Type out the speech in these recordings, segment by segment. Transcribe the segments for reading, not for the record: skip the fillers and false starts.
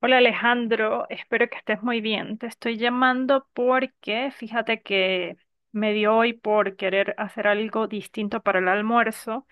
Hola Alejandro, espero que estés muy bien. Te estoy llamando porque fíjate que me dio hoy por querer hacer algo distinto para el almuerzo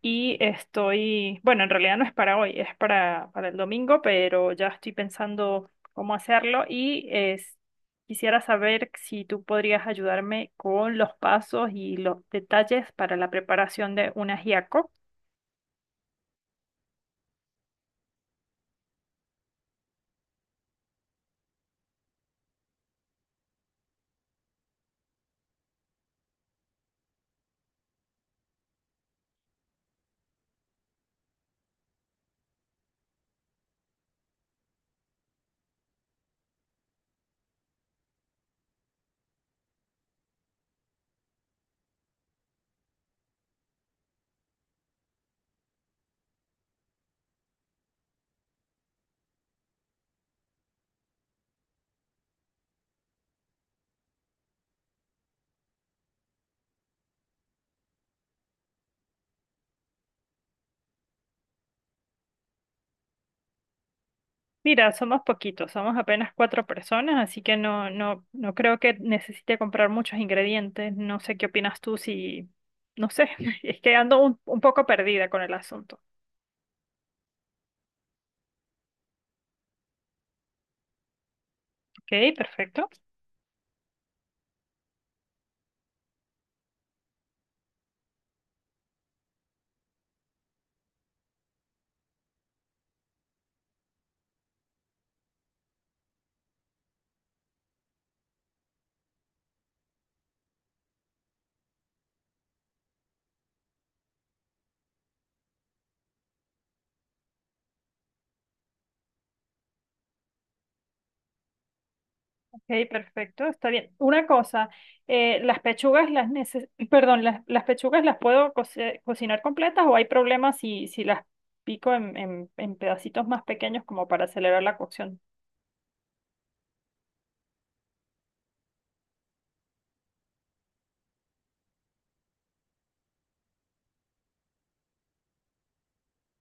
y estoy, bueno, en realidad no es para hoy, es para el domingo, pero ya estoy pensando cómo hacerlo quisiera saber si tú podrías ayudarme con los pasos y los detalles para la preparación de un ajiaco. Mira, somos poquitos, somos apenas 4 personas, así que no, no, no creo que necesite comprar muchos ingredientes. No sé qué opinas tú si, no sé, es que ando un poco perdida con el asunto. Ok, perfecto. Ok, perfecto, está bien. Una cosa, las pechugas las neces- perdón, las pechugas las puedo cocinar completas o hay problemas si, si las pico en pedacitos más pequeños como para acelerar la cocción.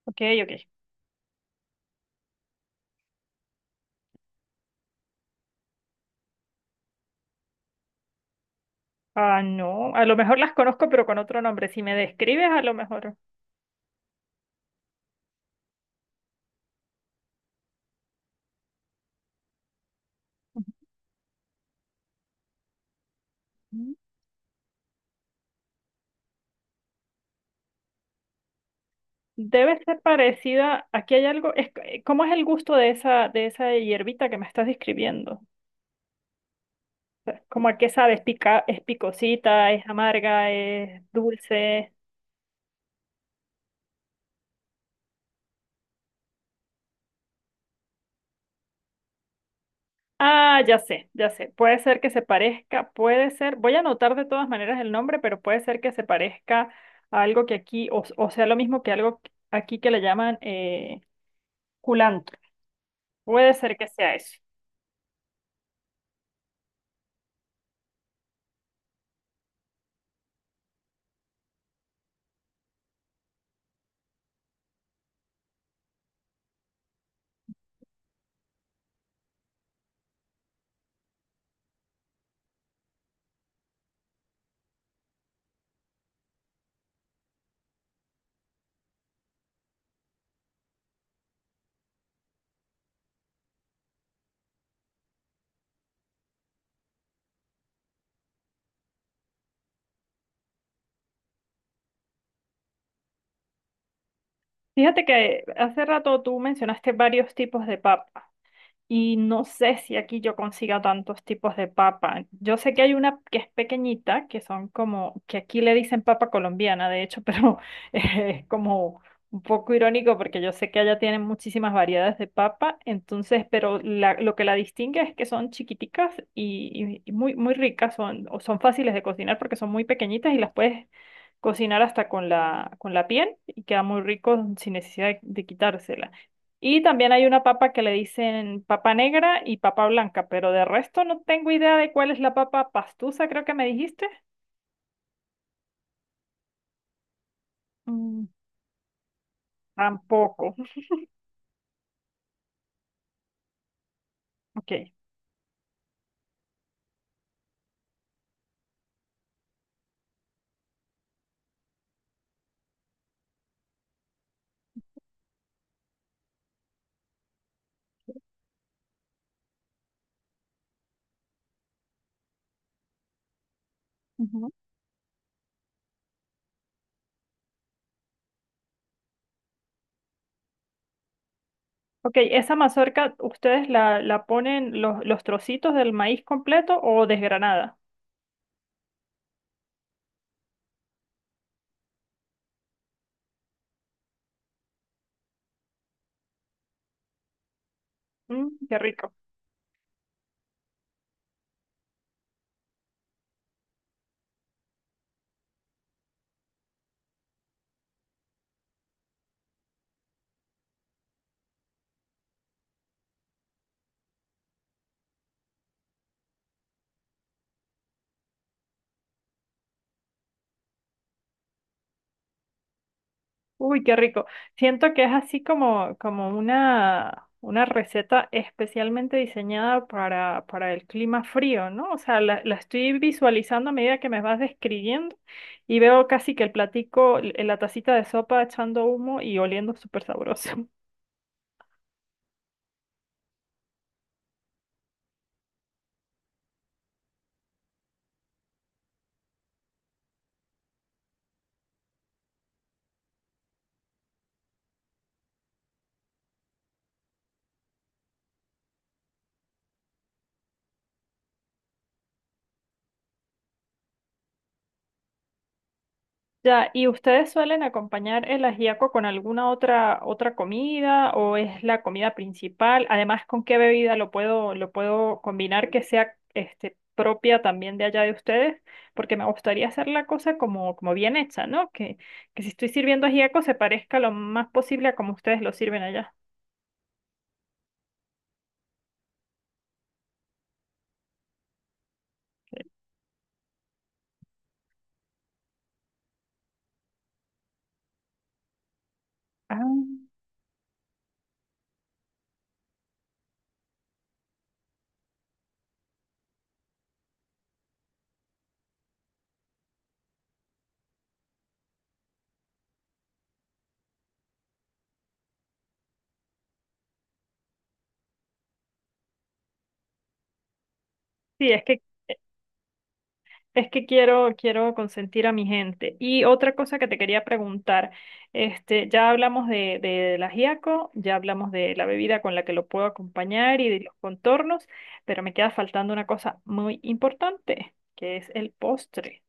Ok, ok. Ah, no, a lo mejor las conozco, pero con otro nombre. Si me describes, a lo mejor. Ujú. Debe ser parecida. Aquí hay algo. Es, ¿cómo es el gusto de esa hierbita que me estás describiendo? O sea, ¿cómo a qué sabe? ¿Es, pica- es picosita? ¿Es amarga? ¿Es dulce? Ah, ya sé, ya sé. Puede ser que se parezca, puede ser. Voy a anotar de todas maneras el nombre, pero puede ser que se parezca a algo que aquí, o sea, lo mismo que algo aquí que le llaman culantro. Puede ser que sea eso. Fíjate que hace rato tú mencionaste varios tipos de papa. Y no sé si aquí yo consiga tantos tipos de papa. Yo sé que hay una que es pequeñita, que son como, que aquí le dicen papa colombiana, de hecho, pero es como un poco irónico porque yo sé que allá tienen muchísimas variedades de papa, entonces, pero lo que la distingue es que son chiquiticas y, y muy, muy ricas, son, o son fáciles de cocinar porque son muy pequeñitas y las puedes cocinar hasta con la piel y queda muy rico sin necesidad de quitársela. Y también hay una papa que le dicen papa negra y papa blanca, pero de resto no tengo idea de cuál es la papa pastusa, creo que me dijiste. Mm. Tampoco. Ok. Ujú. Ok, esa mazorca, ¿ustedes la, la ponen los trocitos del maíz completo o desgranada? Mm, qué rico. Uy, qué rico. Siento que es así como, como una receta especialmente diseñada para el clima frío, ¿no? O sea, la estoy visualizando a medida que me vas describiendo y veo casi que el platico, la tacita de sopa echando humo y oliendo súper sabroso. Ya, ¿y ustedes suelen acompañar el ajiaco con alguna otra otra comida o es la comida principal? Además, ¿con qué bebida lo puedo combinar que sea este propia también de allá de ustedes? Porque me gustaría hacer la cosa como como bien hecha, ¿no? Que si estoy sirviendo ajiaco se parezca lo más posible a como ustedes lo sirven allá. Ah. Sí, es que. Es que quiero, quiero consentir a mi gente. Y otra cosa que te quería preguntar, este, ya hablamos de la ajiaco, ya hablamos de la bebida con la que lo puedo acompañar y de los contornos, pero me queda faltando una cosa muy importante, que es el postre.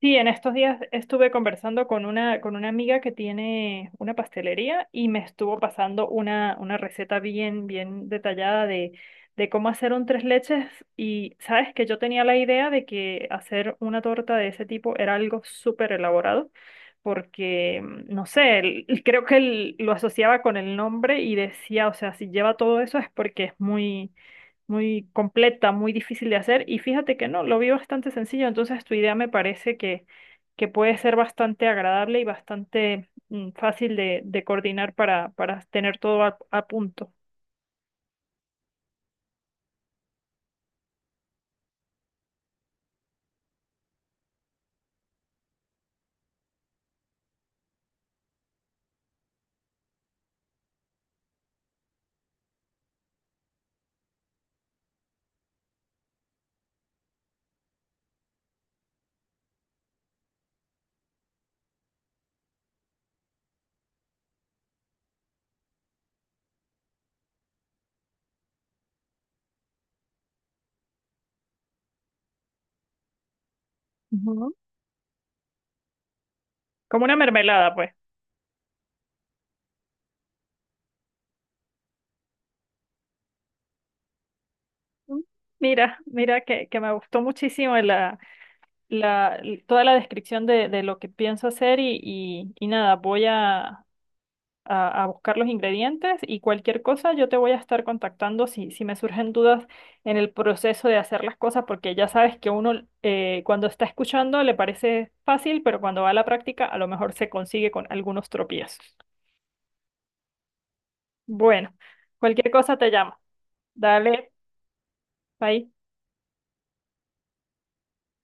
Sí, en estos días estuve conversando con una amiga que tiene una pastelería y me estuvo pasando una receta bien, bien detallada de cómo hacer un tres leches y sabes que yo tenía la idea de que hacer una torta de ese tipo era algo súper elaborado porque, mm, no sé, creo que lo asociaba con el nombre y decía, o sea, si lleva todo eso es porque es muy muy completa, muy difícil de hacer. Y fíjate que no, lo vi bastante sencillo, entonces tu idea me parece que puede ser bastante agradable y bastante mm, fácil de coordinar para tener todo a punto. Ujú. Como una mermelada, pues. Mm. Mira, mira que me gustó muchísimo la, la, toda la descripción de lo que pienso hacer y nada, voy a buscar los ingredientes y cualquier cosa yo te voy a estar contactando si, si me surgen dudas en el proceso de hacer las cosas, porque ya sabes que uno cuando está escuchando le parece fácil, pero cuando va a la práctica a lo mejor se consigue con algunos tropiezos. Bueno, cualquier cosa te llamo. Dale, bye.